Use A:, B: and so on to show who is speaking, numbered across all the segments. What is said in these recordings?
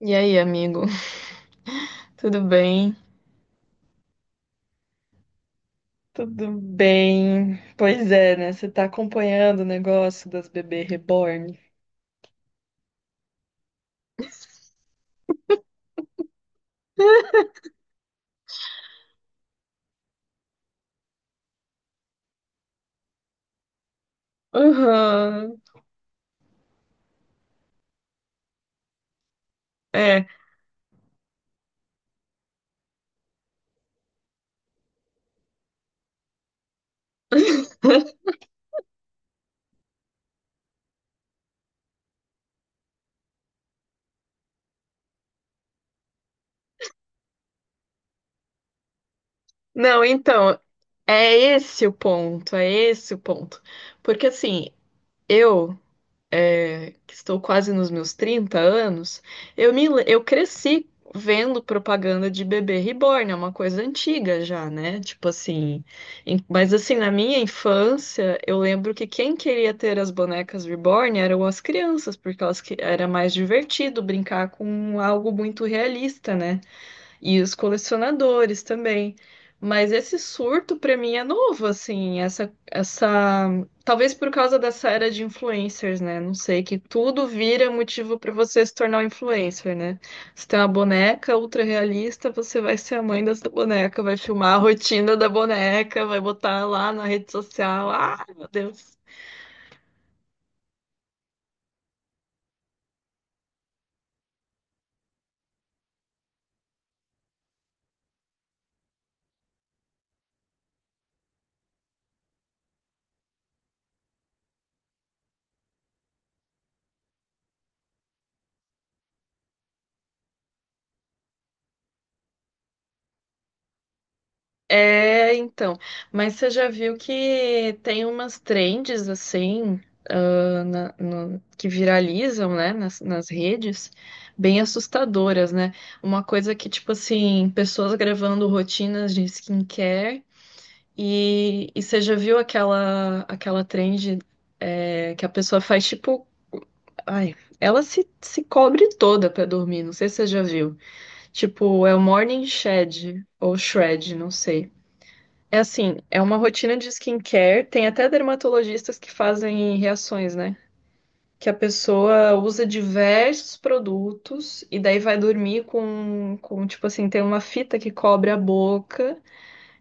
A: E aí, amigo? Tudo bem? Tudo bem. Pois é, né? Você tá acompanhando o negócio das bebê reborn? Aham, é. Não, então, é esse o ponto, é esse o ponto. Porque assim, eu que estou quase nos meus 30 anos, eu cresci vendo propaganda de bebê reborn, é uma coisa antiga já, né? Tipo assim, mas assim, na minha infância, eu lembro que quem queria ter as bonecas reborn eram as crianças, porque elas que era mais divertido brincar com algo muito realista, né? E os colecionadores também. Mas esse surto para mim é novo, assim, talvez por causa dessa era de influencers, né? Não sei, que tudo vira motivo para você se tornar um influencer, né? Você tem uma boneca ultra realista, você vai ser a mãe dessa boneca, vai filmar a rotina da boneca, vai botar lá na rede social. Ah, meu Deus. É, então, mas você já viu que tem umas trends assim, que viralizam, né, nas redes, bem assustadoras, né? Uma coisa que, tipo assim, pessoas gravando rotinas de skincare e você já viu aquela trend, é, que a pessoa faz, tipo, ai, ela se cobre toda pra dormir, não sei se você já viu. Tipo, é o Morning Shed ou Shred, não sei. É assim, é uma rotina de skincare. Tem até dermatologistas que fazem reações, né? Que a pessoa usa diversos produtos e daí vai dormir com, tipo assim, tem uma fita que cobre a boca.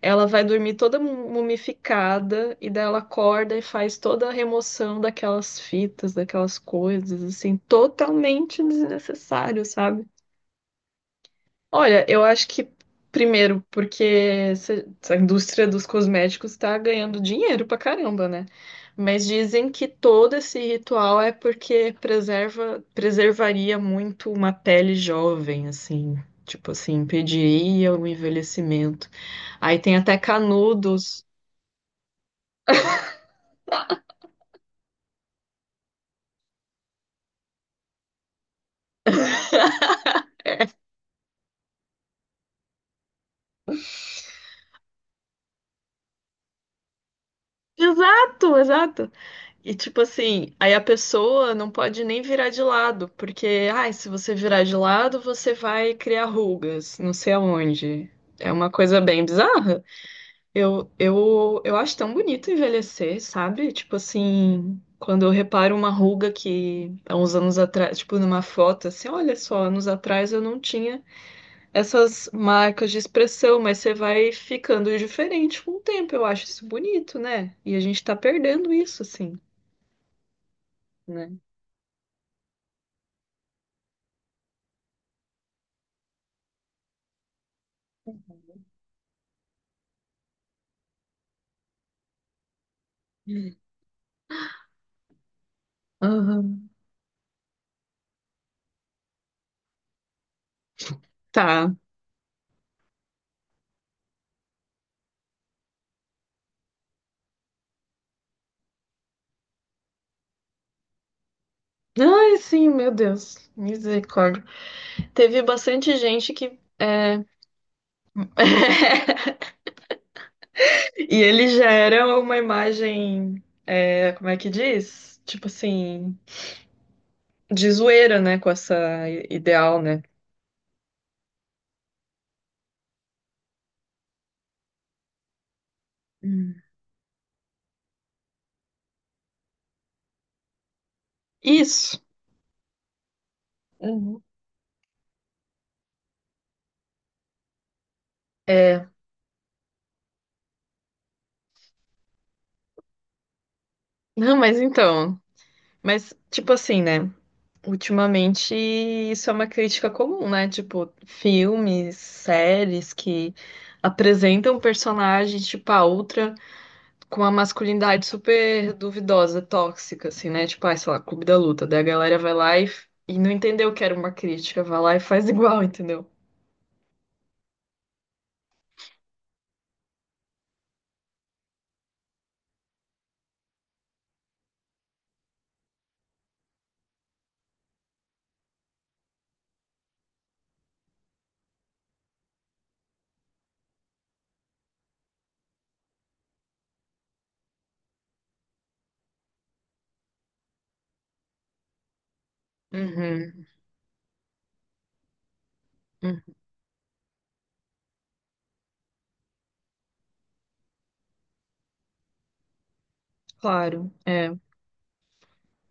A: Ela vai dormir toda mumificada e daí ela acorda e faz toda a remoção daquelas fitas, daquelas coisas, assim, totalmente desnecessário, sabe? Olha, eu acho que primeiro, porque essa indústria dos cosméticos está ganhando dinheiro pra caramba, né? Mas dizem que todo esse ritual é porque preservaria muito uma pele jovem, assim, tipo assim, impediria o envelhecimento. Aí tem até canudos. Exato, exato. E tipo assim, aí a pessoa não pode nem virar de lado, porque, ai, se você virar de lado, você vai criar rugas, não sei aonde. É uma coisa bem bizarra. Eu acho tão bonito envelhecer, sabe? Tipo assim, quando eu reparo uma ruga que há uns anos atrás, tipo numa foto, assim, olha só, anos atrás eu não tinha essas marcas de expressão, mas você vai ficando diferente com o tempo. Eu acho isso bonito, né? E a gente tá perdendo isso, assim, né? Aham. Tá. Ai, sim, meu Deus. Misericórdia. Teve bastante gente que. É, e ele já era uma imagem. É, como é que diz? Tipo assim. De zoeira, né? Com essa ideal, né? Hum. Isso. Uhum. É. Não, mas então. Mas, tipo assim, né? Ultimamente, isso é uma crítica comum, né? Tipo, filmes, séries que apresentam personagens, tipo, a outra com uma masculinidade super duvidosa, tóxica, assim, né? Tipo, ah, sei lá, Clube da Luta. Daí a galera vai lá e não entendeu que era uma crítica, vai lá e faz igual, entendeu? Uhum, uhum, claro, é.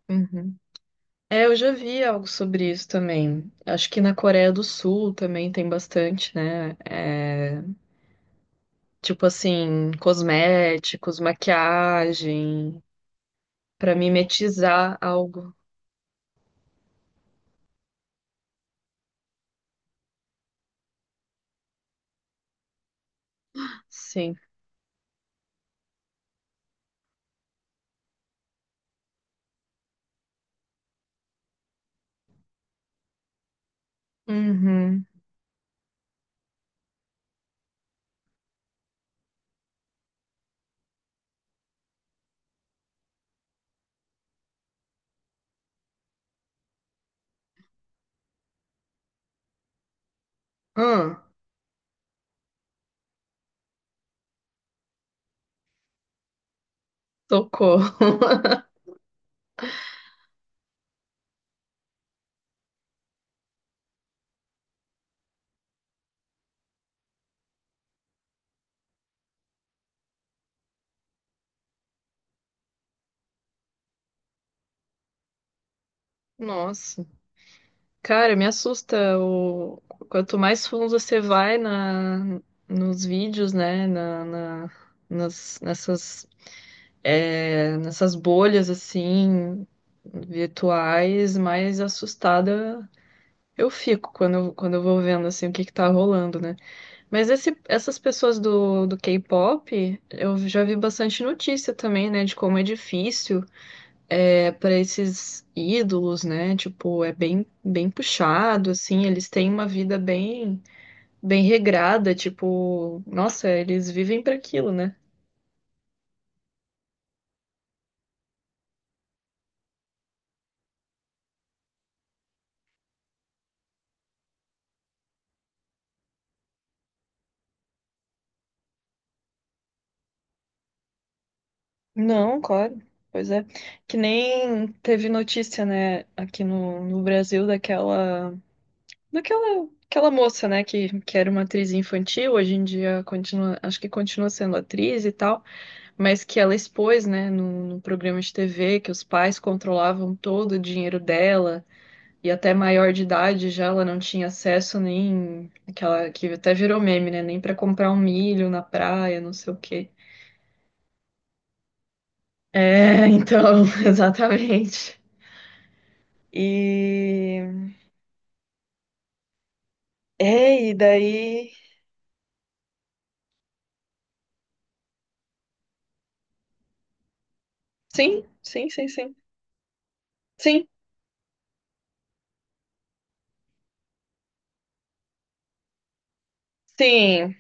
A: Uhum. É, eu já vi algo sobre isso também. Acho que na Coreia do Sul também tem bastante, né? É, tipo assim, cosméticos, maquiagem, pra mimetizar algo. Sim. Uhum. Ah, socorro. Nossa. Cara, me assusta o quanto mais fundo você vai na nos vídeos, né, nessas é, nessas bolhas assim virtuais, mais assustada eu fico quando eu vou vendo assim o que que tá rolando, né? Mas essas pessoas do K-pop, eu já vi bastante notícia também, né, de como é difícil é, para esses ídolos, né? Tipo, é bem puxado, assim, eles têm uma vida bem, bem regrada, tipo, nossa, eles vivem para aquilo, né? Não, claro. Pois é. Que nem teve notícia, né, aqui no, no Brasil daquela. Daquela aquela moça, né, que era uma atriz infantil, hoje em dia continua, acho que continua sendo atriz e tal, mas que ela expôs, né, no programa de TV, que os pais controlavam todo o dinheiro dela, e até maior de idade já ela não tinha acesso nem aquela que até virou meme, né, nem para comprar um milho na praia, não sei o quê. É, então, exatamente. E é, e daí. Sim, sim, sim, sim. Sim, sim.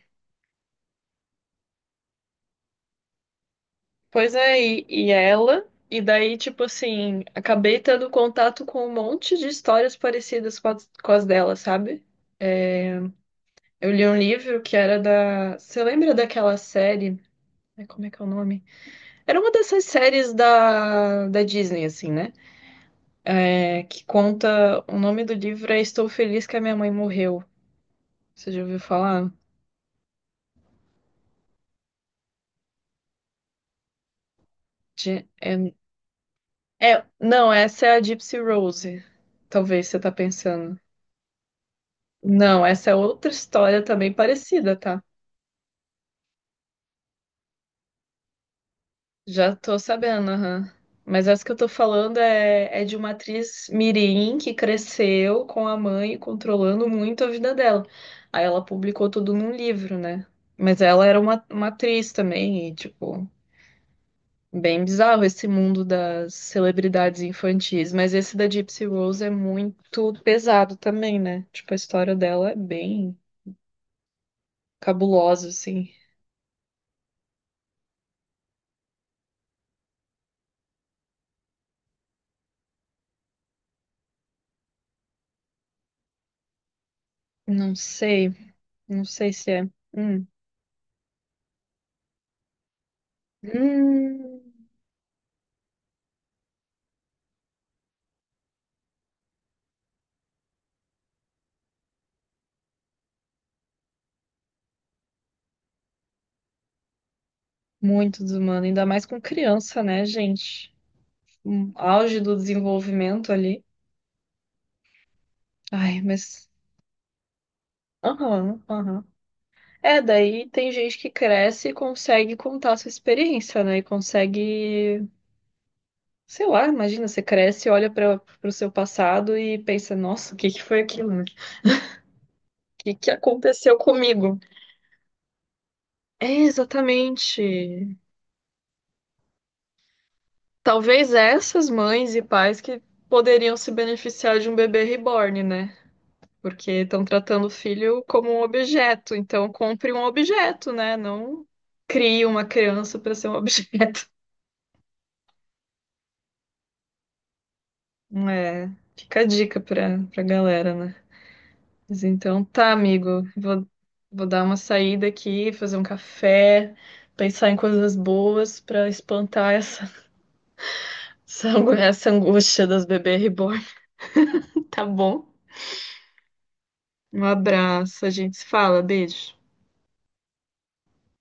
A: Pois é, e ela, e daí, tipo assim, acabei tendo contato com um monte de histórias parecidas com com as dela, sabe? Eu li um livro que era da. Você lembra daquela série? Ai, como é que é o nome? Era uma dessas séries da Disney, assim, né? É, que conta. O nome do livro é Estou Feliz que a Minha Mãe Morreu. Você já ouviu falar? É, não, essa é a Gypsy Rose. Talvez você tá pensando. Não, essa é outra história também parecida, tá? Já tô sabendo, aham. Mas essa que eu tô falando é, é de uma atriz mirim que cresceu com a mãe controlando muito a vida dela. Aí ela publicou tudo num livro, né? Mas ela era uma atriz também, e tipo, bem bizarro esse mundo das celebridades infantis. Mas esse da Gypsy Rose é muito pesado também, né? Tipo, a história dela é bem cabulosa, assim. Não sei, não sei se é. Hum. Hum. Muito desumano, ainda mais com criança, né, gente? Um auge do desenvolvimento ali. Ai, mas. Aham, aham. É, daí tem gente que cresce e consegue contar a sua experiência, né? E consegue. Sei lá, imagina, você cresce, olha para o seu passado e pensa: nossa, o que que foi aquilo? Né? O que que aconteceu comigo? É, exatamente. Talvez essas mães e pais que poderiam se beneficiar de um bebê reborn, né? Porque estão tratando o filho como um objeto. Então, compre um objeto, né? Não crie uma criança para ser um objeto. É, fica a dica pra galera, né? Mas então tá, amigo. Vou, vou dar uma saída aqui, fazer um café, pensar em coisas boas pra espantar essa, essa essa angústia das bebês reborn. Tá bom? Um abraço, a gente se fala, beijo.